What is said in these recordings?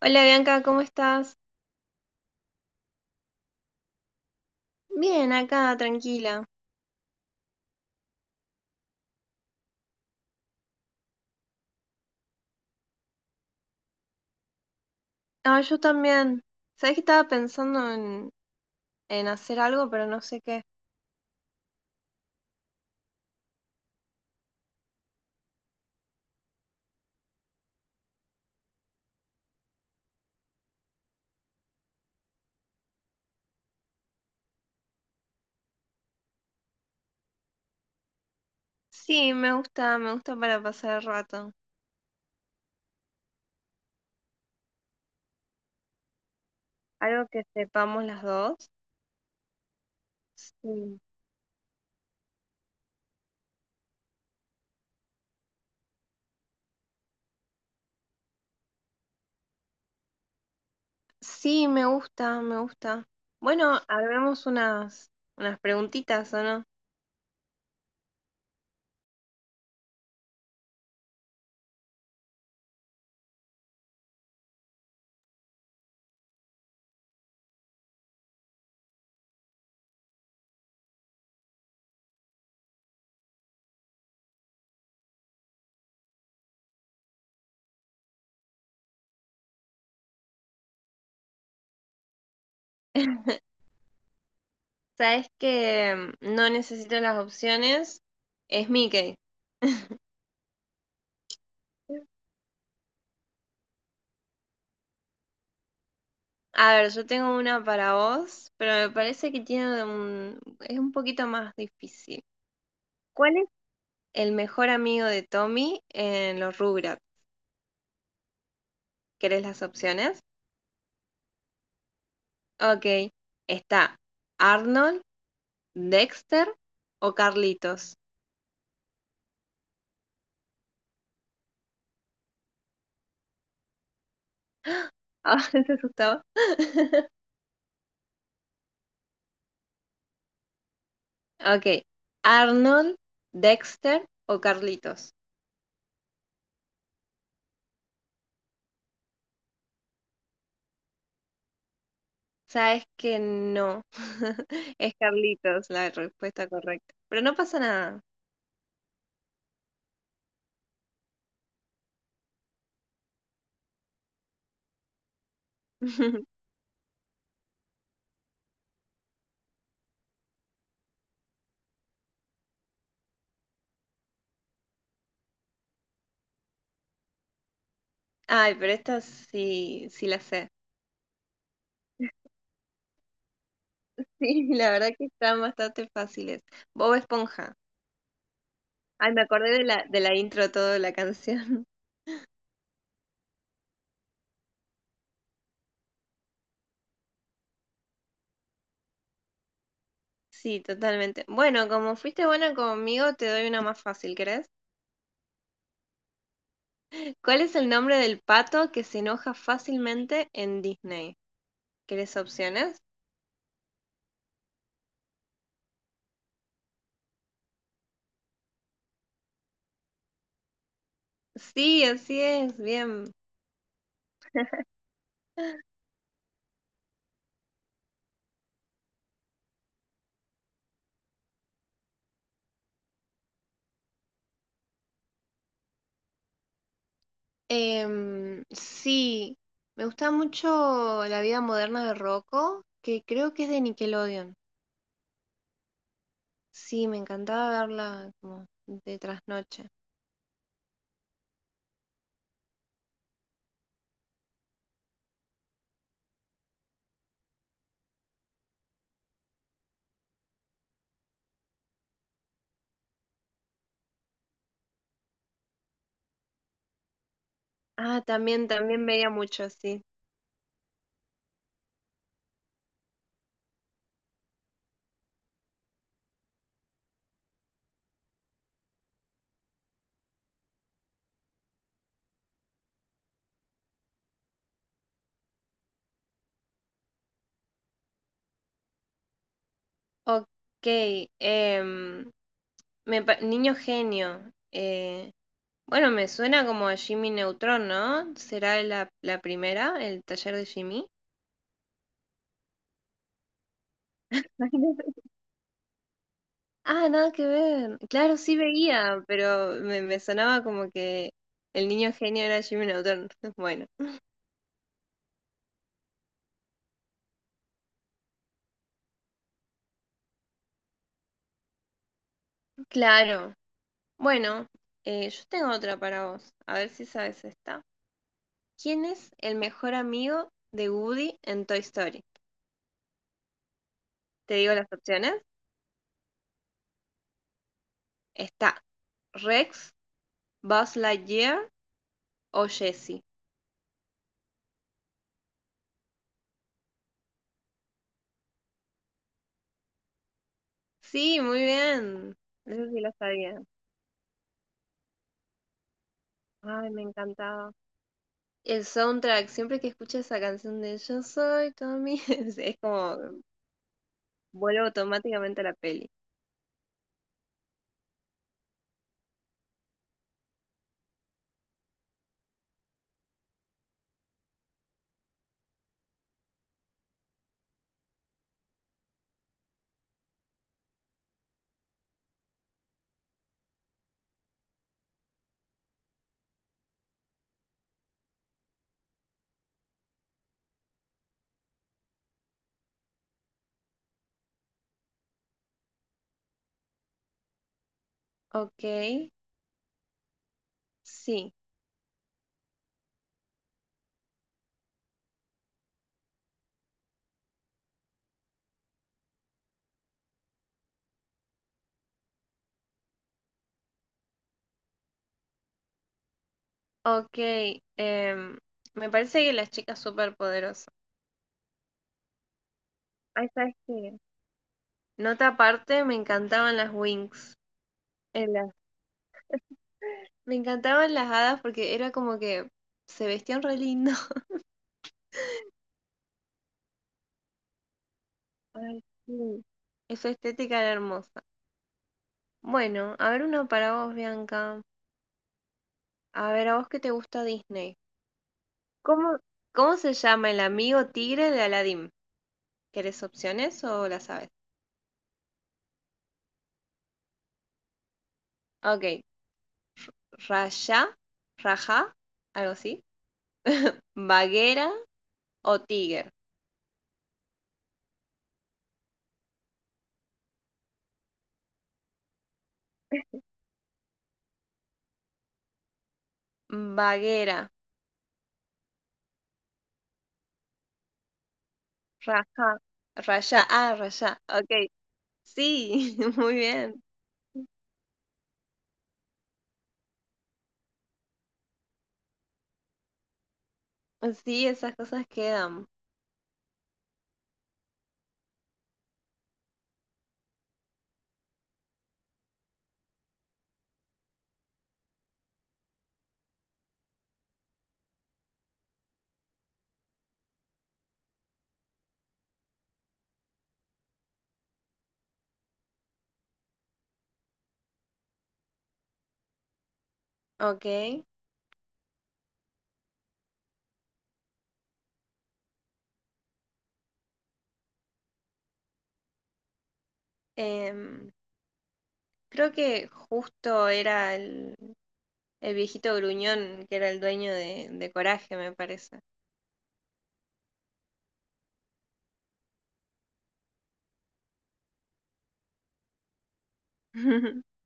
Hola Bianca, ¿cómo estás? Bien, acá, tranquila. Ah, yo también. Sabés que estaba pensando en hacer algo, pero no sé qué. Sí, me gusta para pasar el rato. Algo que sepamos las dos. Sí. Sí, me gusta, me gusta. Bueno, hagamos unas preguntitas, ¿o no? Sabés que no necesito las opciones. Es Mickey. A ver, yo tengo una para vos, pero me parece que es un poquito más difícil. ¿Cuál es el mejor amigo de Tommy en los Rugrats? ¿Querés las opciones? Ok, está Arnold, Dexter o Carlitos. Ah, se asustaba. Ok, Arnold, Dexter o Carlitos. Sabes que no, es Carlitos la respuesta correcta, pero no pasa nada. Ay, pero estas sí, sí las sé. Sí, la verdad que están bastante fáciles. Bob Esponja. Ay, me acordé de la intro todo de la canción. Sí, totalmente. Bueno, como fuiste buena conmigo, te doy una más fácil, ¿querés? ¿Cuál es el nombre del pato que se enoja fácilmente en Disney? ¿Querés opciones? Sí, así es, bien. Sí, me gusta mucho La vida moderna de Rocco, que creo que es de Nickelodeon. Sí, me encantaba verla como de trasnoche. Ah, también, también veía mucho, sí. Ok, em, me pa- Niño Genio. Bueno, me suena como a Jimmy Neutron, ¿no? ¿Será la primera, el taller de Jimmy? Imagínate. Ah, nada que ver. Claro, sí veía, pero me sonaba como que el niño genio era Jimmy Neutron. Bueno, claro. Bueno, yo tengo otra para vos. A ver si sabes esta. ¿Quién es el mejor amigo de Woody en Toy Story? Te digo las opciones. Está Rex, Buzz Lightyear o Jessie. Sí, muy bien. Eso sí lo sabía. Ay, me encantaba. El soundtrack, siempre que escucho esa canción de Yo soy Tommy, es como vuelvo automáticamente a la peli. Ok, sí. Ok, em, me parece que las chicas superpoderosas. Ahí sabes que. Nota aparte, me encantaban las Wings. En la- Me encantaban las hadas porque era como que se vestían re lindo. Ay, sí. Esa estética era hermosa. Bueno, a ver uno para vos, Bianca. A ver, a vos qué te gusta Disney. ¿Cómo, ¿Cómo se llama el amigo tigre de Aladdin? ¿Querés opciones o la sabes? Ok, Raya, Raja, algo así. Baguera o Tiger. Baguera, Raja, Raya, ah, Raya. Ok, sí, muy bien. Sí, esas cosas quedan, ok. Em, Creo que justo era el viejito gruñón que era el dueño de Coraje, me parece.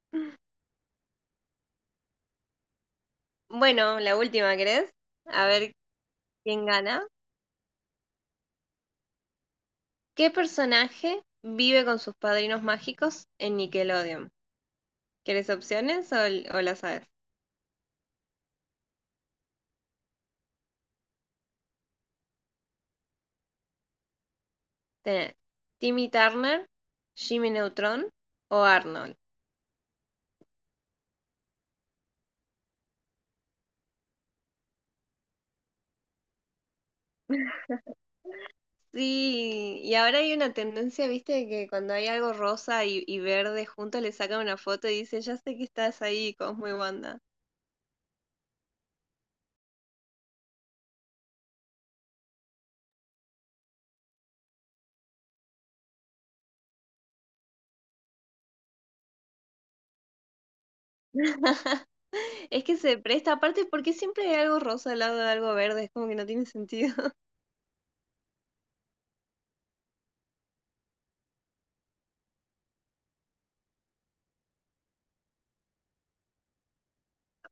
Bueno, la última, ¿querés? A ver quién gana. ¿Qué personaje vive con sus padrinos mágicos en Nickelodeon? ¿Quieres opciones o, l- o las sabes? Tenés Timmy Turner, Jimmy Neutron o Arnold. Sí, y ahora hay una tendencia, viste, de que cuando hay algo rosa y verde juntos le sacan una foto y dicen, ya sé que estás ahí, Cosmo y Wanda. Es que se presta, aparte, porque siempre hay algo rosa al lado de algo verde. Es como que no tiene sentido.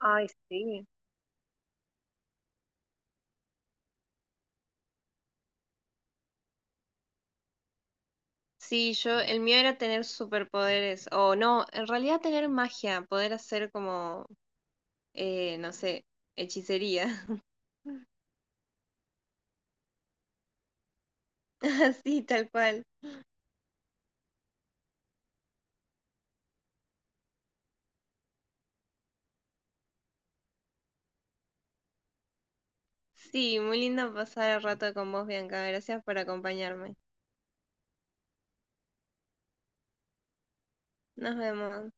Ay, sí. Sí, yo, el mío era tener superpoderes, o no, en realidad tener magia, poder hacer como, no sé, hechicería. Así, tal cual. Sí, muy lindo pasar el rato con vos, Bianca. Gracias por acompañarme. Nos vemos.